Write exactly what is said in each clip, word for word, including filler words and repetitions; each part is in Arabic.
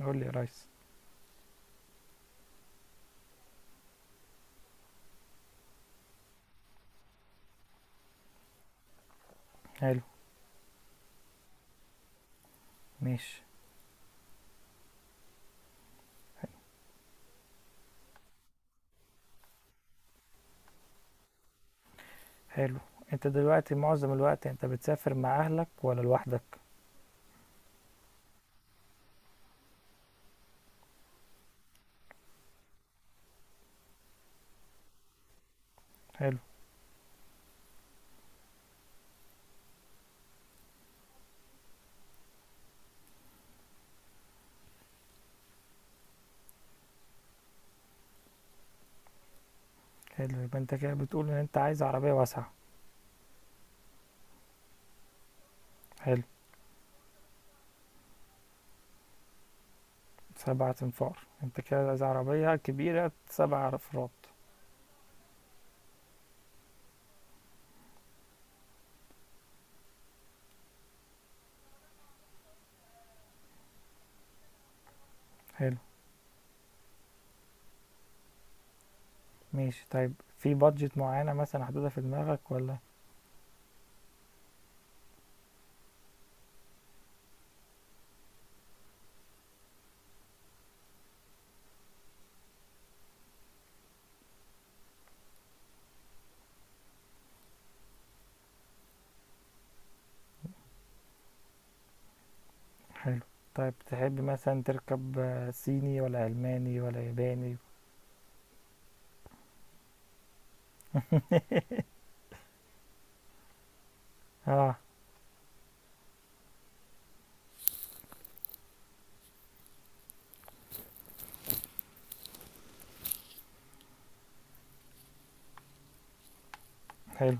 قول لي يا ريس. حلو. ماشي. حلو. انت دلوقتي معظم الوقت انت بتسافر مع اهلك ولا لوحدك؟ حلو. حلو، يبقى انت كده بتقول ان انت عايز عربية واسعة. حلو. سبعة انفار، انت كده عايز عربية كبيرة سبع افراد. حلو. ماشي، طيب. في بادجت معينة مثلا حدودها في دماغك ولا؟ حلو. طيب، تحب مثلا تركب آه، صيني ولا ألماني ولا ياباني؟ اه. حلو.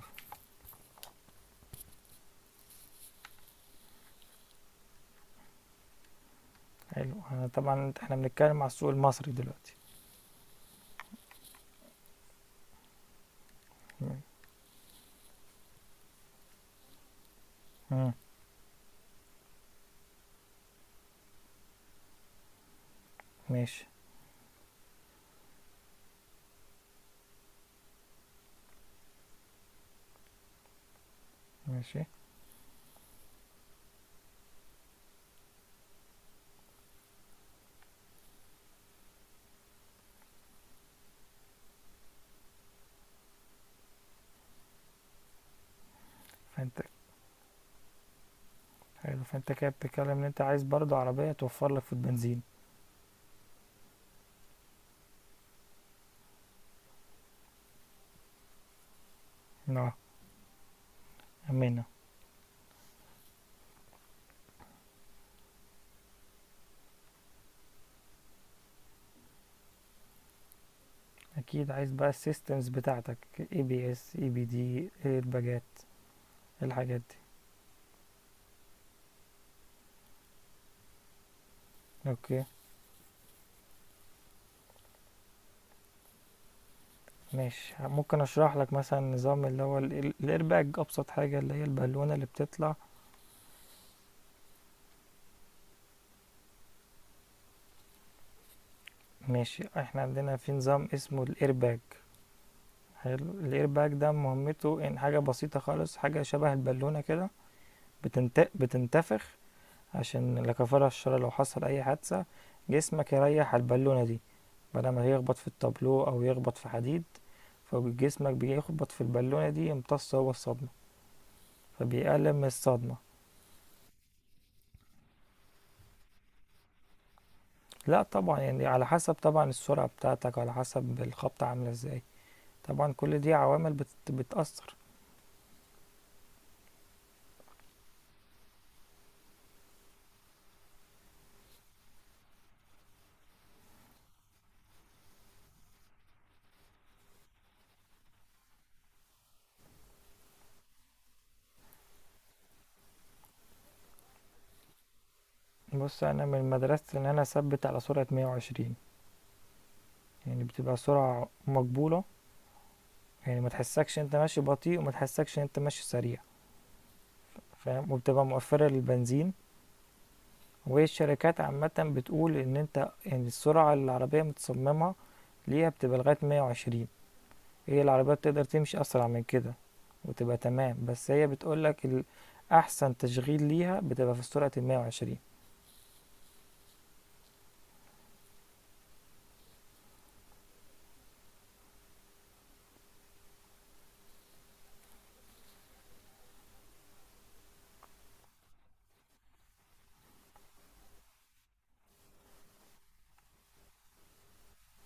حلو، انا طبعا احنا بنتكلم على السوق المصري دلوقتي. مم. ماشي. ماشي. فانت. حلو، فانت كده بتتكلم ان انت عايز برضو عربية توفر لك في البنزين. اه. امنة. اكيد عايز بقى السيستمز بتاعتك، اي بي اس، اي بي دي، ايرباجات، الحاجات دي. اوكي. ماشي، ممكن اشرح لك مثلا نظام اللي هو ال- ال- الايرباج، ابسط حاجة اللي هي البالونة اللي بتطلع. ماشي. احنا عندنا في نظام اسمه الايرباج. حلو، الايرباج ده مهمته ان حاجة بسيطة خالص، حاجة شبه البالونة كده، بتنت... بتنتفخ عشان لا كفارة الشر لو حصل أي حادثة، جسمك يريح على البالونة دي بدل ما يخبط في التابلو أو يخبط في حديد، فجسمك بيخبط في البالونة دي، يمتص هو الصدمة فبيقلل من الصدمة. لا طبعا، يعني على حسب طبعا السرعة بتاعتك، وعلى حسب الخبطة عاملة ازاي. طبعا كل دي عوامل بت... بتأثر. بص، أنا من مدرسة إن أنا أثبت على سرعة مية وعشرين. يعني بتبقى سرعة مقبولة، يعني ما تحسكش انت ماشي بطيء، وما تحسكش انت ماشي سريع، فاهم، وبتبقى مؤثرة للبنزين. والشركات عامة بتقول ان انت يعني السرعة اللي العربية متصممة ليها بتبقى لغاية مية وعشرين. هي العربية بتقدر تمشي اسرع من كده وتبقى تمام، بس هي بتقولك ال- احسن تشغيل ليها بتبقى في سرعة مية وعشرين.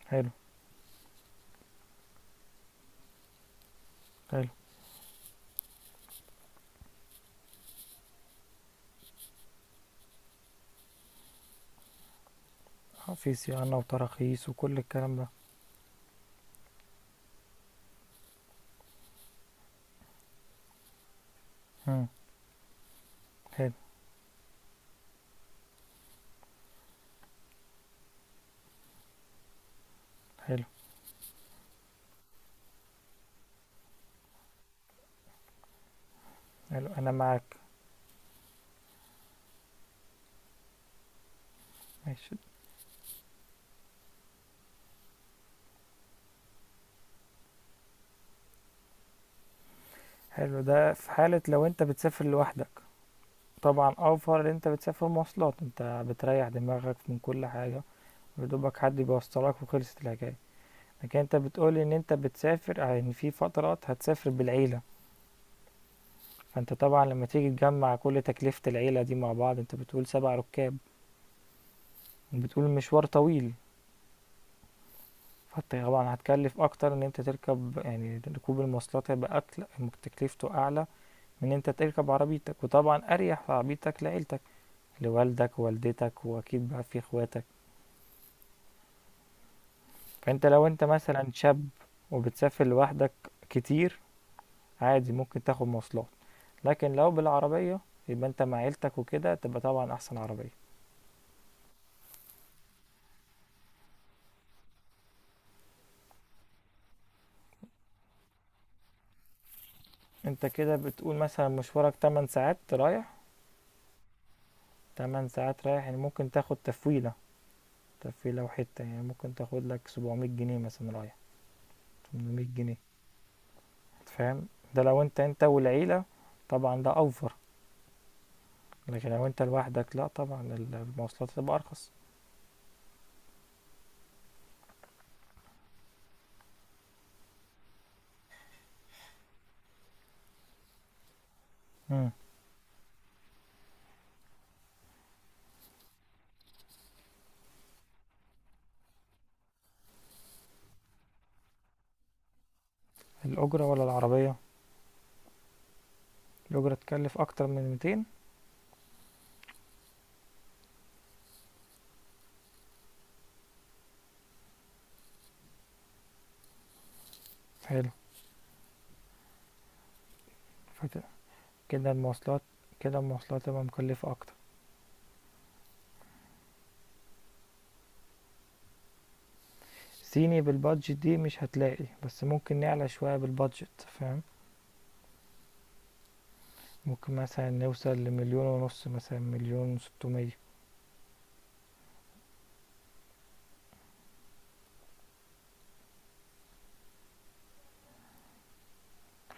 حلو. حلو، آه، في صيانة وتراخيص وكل الكلام ده. مم. حلو. حلو. حلو، انا معاك. ماشي. حلو، ده في حالة لو انت بتسافر لوحدك. طبعا اوفر ان انت بتسافر مواصلات، انت بتريح دماغك من كل حاجة، يدوبك حد بيوصلك وخلصت الحكاية. لكن انت بتقولي ان انت بتسافر يعني في فترات هتسافر بالعيلة. فانت طبعا لما تيجي تجمع كل تكلفة العيلة دي مع بعض، انت بتقول سبع ركاب، بتقول المشوار طويل. فانت طبعا هتكلف اكتر، ان انت تركب يعني ركوب المواصلات هيبقى أكل، تكلفته اعلى من ان انت تركب عربيتك، وطبعا اريح في عربيتك لعيلتك، لوالدك ووالدتك واكيد بقى في اخواتك. فانت لو انت مثلا شاب وبتسافر لوحدك كتير، عادي ممكن تاخد مواصلات. لكن لو بالعربية، يبقى انت مع عيلتك وكده، تبقى طبعا احسن عربية. انت كده بتقول مثلا مشوارك 8 ساعات رايح. 8 ساعات رايح، يعني ممكن تاخد تفويلة، تفويلة وحتة، يعني ممكن تاخد لك سبعمئة جنيه مثلا رايح، تمنمية جنيه، فاهم. ده لو انت انت والعيلة، طبعا ده اوفر. لكن لو انت لوحدك، لا طبعا ال- المواصلات تبقى ارخص. مم. الاجرة ولا العربية؟ الاجرة تكلف اكتر من ميتين. حلو. فت- كده المواصلات، كده المواصلات تبقى مكلفة اكتر. صيني بالبادجت دي مش هتلاقي، بس ممكن نعلى شوية بالبادجت، فاهم. ممكن مثلا نوصل لمليون ونص، مثلا مليون وستمية.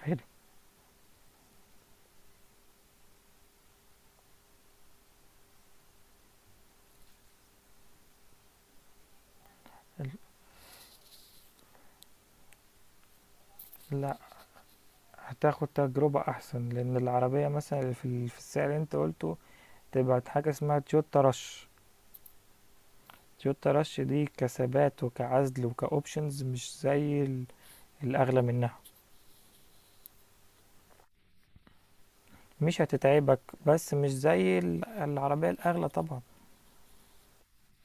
حلو. ال- لا، هتاخد تجربة أحسن، لأن العربية مثلا اللي في ال- في السعر اللي أنت قلته، تبقى حاجة اسمها تويوتا رش. تويوتا رش دي كثبات وكعزل وكأوبشنز مش زي ال- الأغلى منها. مش هتتعبك، بس مش زي ال- العربية الأغلى طبعا.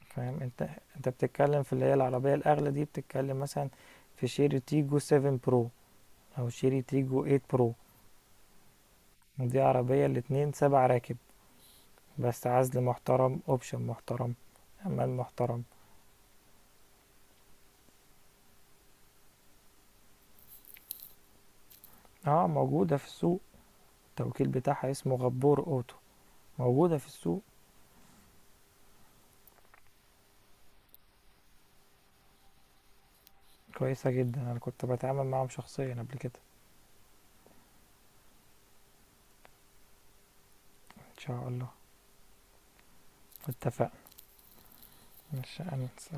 فاهم انت، انت بتتكلم في اللي هي العربية الأغلى دي، بتتكلم مثلا في شيري تيجو 7 برو، أو شيري تيجو 8 برو. دي عربية الاتنين سبع راكب، بس عزل محترم، اوبشن محترم، أمان محترم. اه، موجودة في السوق. التوكيل بتاعها اسمه غبور أوتو. موجودة في السوق. كويسة جدا، أنا كنت بتعامل معاهم شخصيا قبل كده. إن شاء الله. اتفقنا. مش أنسى.